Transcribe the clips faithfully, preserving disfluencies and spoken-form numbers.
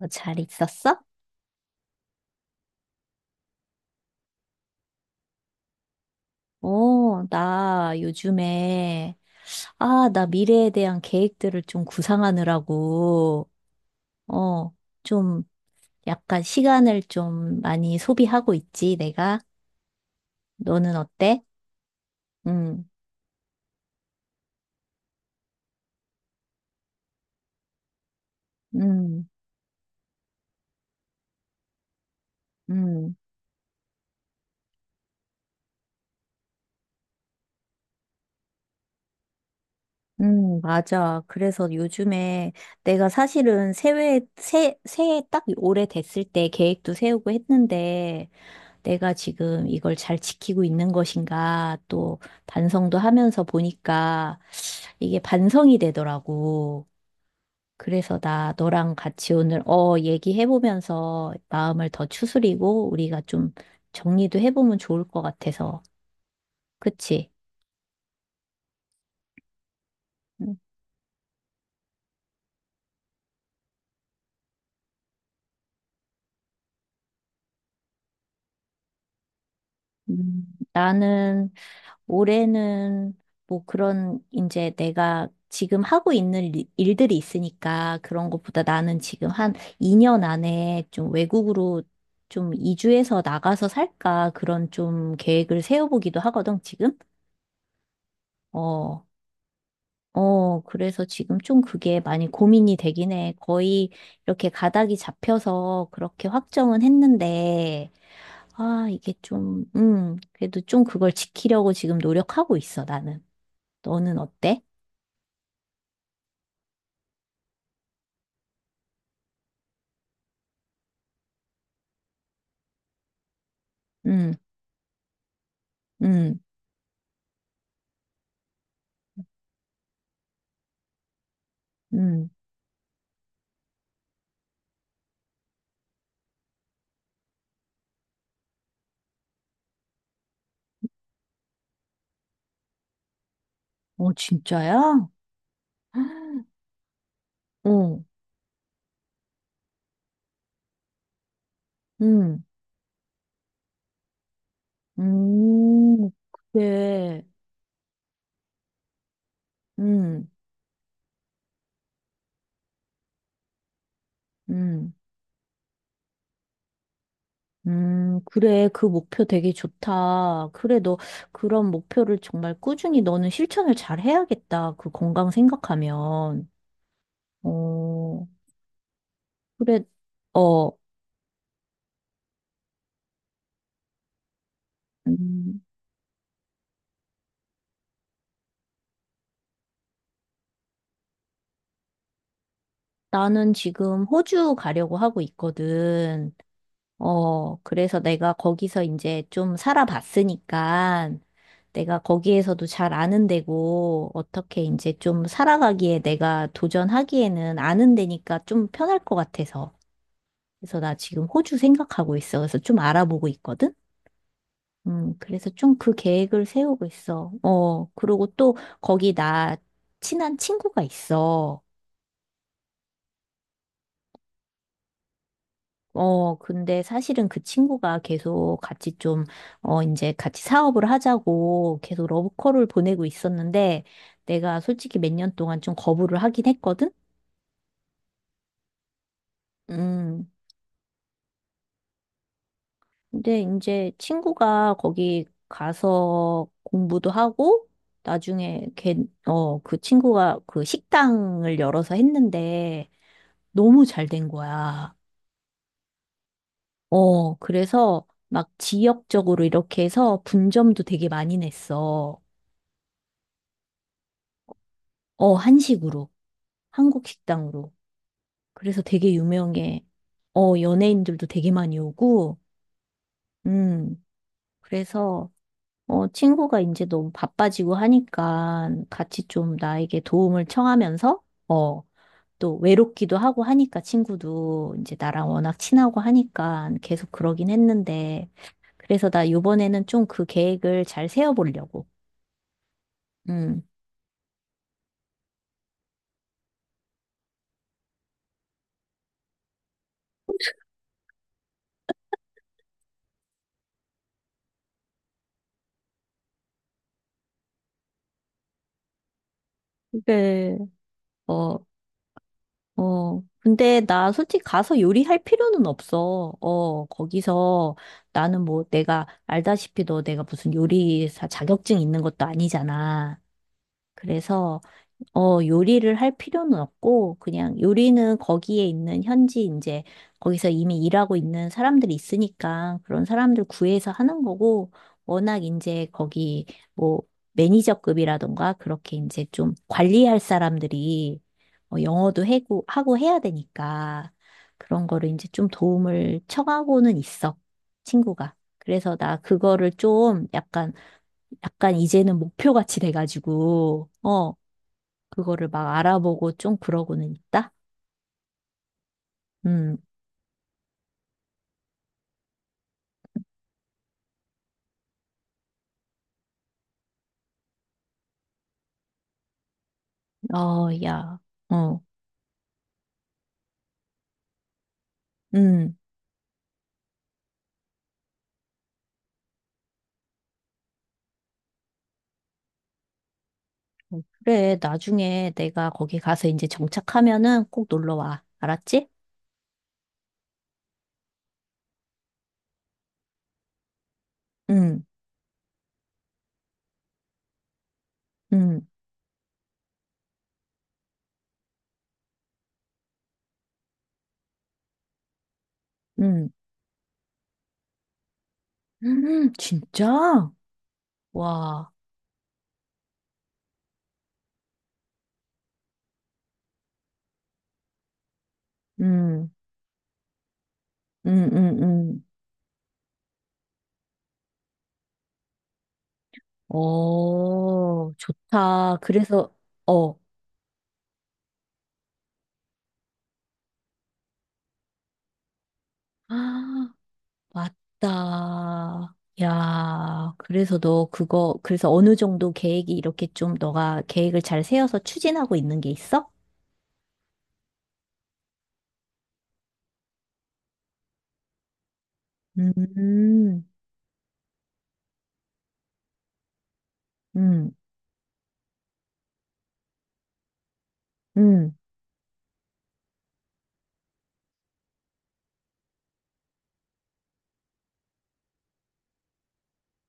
어, 잘 있었어? 오, 나 요즘에, 아, 나 미래에 대한 계획들을 좀 구상하느라고, 어, 좀 약간 시간을 좀 많이 소비하고 있지, 내가. 너는 어때? 음, 음, 음, 음, 맞아. 그래서 요즘에 내가 사실은 새해, 새, 새해 딱 올해 됐을 때 계획도 세우고 했는데, 내가 지금 이걸 잘 지키고 있는 것인가 또 반성도 하면서 보니까 이게 반성이 되더라고. 그래서 나 너랑 같이 오늘 어 얘기해보면서 마음을 더 추스리고 우리가 좀 정리도 해보면 좋을 것 같아서. 그치? 음, 나는 올해는 뭐 그런 이제 내가 지금 하고 있는 일- 일들이 있으니까 그런 것보다 나는 지금 한 이 년 안에 좀 외국으로 좀 이주해서 나가서 살까 그런 좀 계획을 세워보기도 하거든, 지금. 어. 어, 그래서 지금 좀 그게 많이 고민이 되긴 해. 거의 이렇게 가닥이 잡혀서 그렇게 확정은 했는데, 아, 이게 좀, 음, 그래도 좀 그걸 지키려고 지금 노력하고 있어, 나는. 너는 어때? 음. 음, 음. 어, 진짜야? 어, 음, 음, 그래, 음, 음, 음, 그래, 그 목표 되게 좋다. 그래, 너 그런 목표를 정말 꾸준히 너는 실천을 잘 해야겠다. 그 건강 생각하면. 어, 그래. 어, 음, 나는 지금 호주 가려고 하고 있거든. 어, 그래서 내가 거기서 이제 좀 살아봤으니까 내가 거기에서도 잘 아는 데고 어떻게 이제 좀 살아가기에 내가 도전하기에는 아는 데니까 좀 편할 것 같아서. 그래서 나 지금 호주 생각하고 있어. 그래서 좀 알아보고 있거든? 음, 그래서 좀 그 계획을 세우고 있어. 어, 그리고 또 거기 나 친한 친구가 있어. 어, 근데 사실은 그 친구가 계속 같이 좀, 어, 이제 같이 사업을 하자고 계속 러브콜을 보내고 있었는데, 내가 솔직히 몇 년 동안 좀 거부를 하긴 했거든? 음. 근데 이제 친구가 거기 가서 공부도 하고, 나중에 걔, 어, 그 친구가 그 식당을 열어서 했는데, 너무 잘 된 거야. 어, 그래서 막 지역적으로 이렇게 해서 분점도 되게 많이 냈어. 어, 한식으로. 한국 식당으로. 그래서 되게 유명해. 어, 연예인들도 되게 많이 오고, 음, 그래서, 어, 친구가 이제 너무 바빠지고 하니까 같이 좀 나에게 도움을 청하면서, 어, 또 외롭기도 하고 하니까 친구도 이제 나랑 워낙 친하고 하니까 계속 그러긴 했는데, 그래서 나 요번에는 좀 그 계획을 잘 세워보려고. 음. 그래, 어, 어, 근데 나 솔직히 가서 요리할 필요는 없어. 어, 거기서 나는 뭐 내가 알다시피 너 내가 무슨 요리사 자격증 있는 것도 아니잖아. 그래서 어, 요리를 할 필요는 없고, 그냥 요리는 거기에 있는 현지, 이제, 거기서 이미 일하고 있는 사람들이 있으니까, 그런 사람들 구해서 하는 거고, 워낙 이제 거기, 뭐, 매니저급이라던가, 그렇게 이제 좀 관리할 사람들이, 어, 영어도 해고, 하고 해야 되니까, 그런 거를 이제 좀 도움을 청하고는 있어, 친구가. 그래서 나 그거를 좀 약간, 약간 이제는 목표같이 돼가지고, 어, 그거를 막 알아보고 좀 그러고는 있다? 음, 어, 야. 어, 음. 어, 그래, 나중에 내가 거기 가서 이제 정착하면은 꼭 놀러 와. 알았지? 응. 응 응 음, 진짜? 와. 음, 음, 음, 음. 어, 좋다. 그래서, 어. 아, 맞다. 야, 그래서 너 그거, 그래서 어느 정도 계획이 이렇게 좀 너가 계획을 잘 세워서 추진하고 있는 게 있어? 음, 음, 음,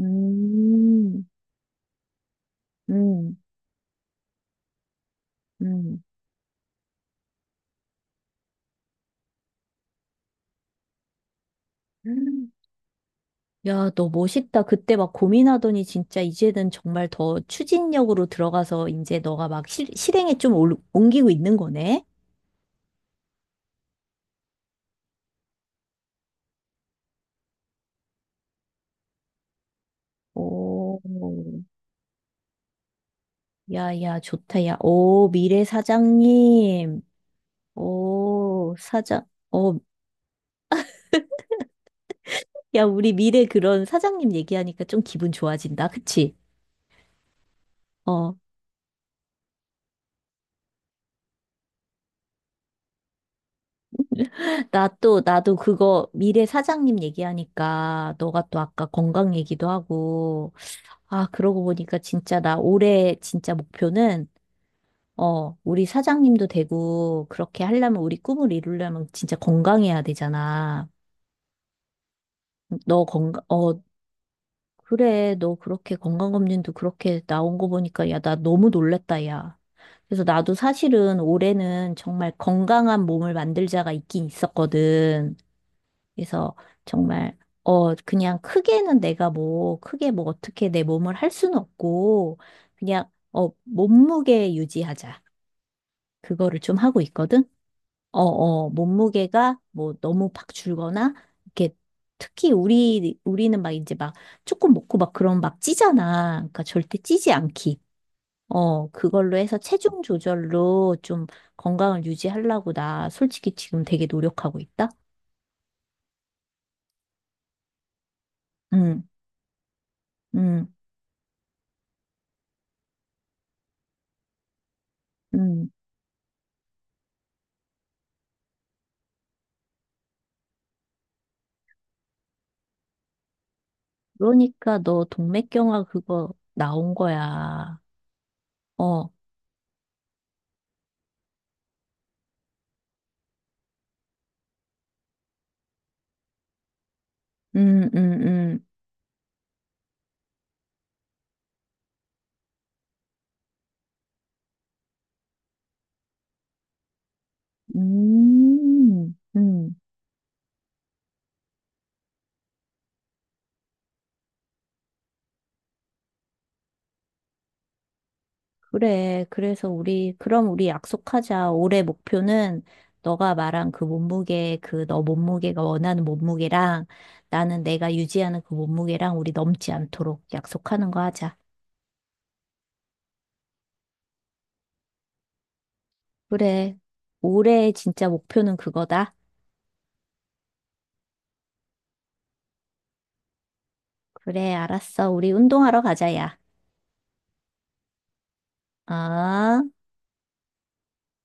음, 음, 음. 야, 너 멋있다. 그때 막 고민하더니 진짜 이제는 정말 더 추진력으로 들어가서 이제 너가 막 실, 실행에 좀 올- 옮기고 있는 거네? 오, 야, 야, 좋다. 야, 오, 미래 사장님. 오, 사장. 어, 야, 우리 미래 그런 사장님 얘기하니까 좀 기분 좋아진다. 그치? 어, 나 또, 나도 그거 미래 사장님 얘기하니까 너가 또 아까 건강 얘기도 하고, 아, 그러고 보니까 진짜 나 올해 진짜 목표는, 어, 우리 사장님도 되고, 그렇게 하려면 우리 꿈을 이루려면 진짜 건강해야 되잖아. 너 건강, 어, 그래, 너 그렇게 건강검진도 그렇게 나온 거 보니까, 야, 나 너무 놀랬다, 야. 그래서 나도 사실은 올해는 정말 건강한 몸을 만들자가 있긴 있었거든. 그래서 정말, 어, 그냥 크게는 내가 뭐, 크게 뭐 어떻게 내 몸을 할 수는 없고, 그냥, 어, 몸무게 유지하자. 그거를 좀 하고 있거든. 어, 어, 몸무게가 뭐 너무 팍 줄거나, 이렇게 특히 우리, 우리는 막 이제 막 조금 먹고 막 그런 막 찌잖아. 그러니까 절대 찌지 않기. 어, 그걸로 해서 체중 조절로 좀 건강을 유지하려고 나 솔직히 지금 되게 노력하고 있다. 응, 응, 응. 그러니까 너 동맥경화 그거 나온 거야. 어, 응, 응, 응. 음, 음. 그래. 그래서 우리, 그럼 우리 약속하자. 올해 목표는 너가 말한 그 몸무게, 그 너 몸무게가 원하는 몸무게랑 나는 내가 유지하는 그 몸무게랑 우리 넘지 않도록 약속하는 거 하자. 그래. 올해 진짜 목표는 그거다. 그래, 알았어. 우리 운동하러 가자, 야. 아.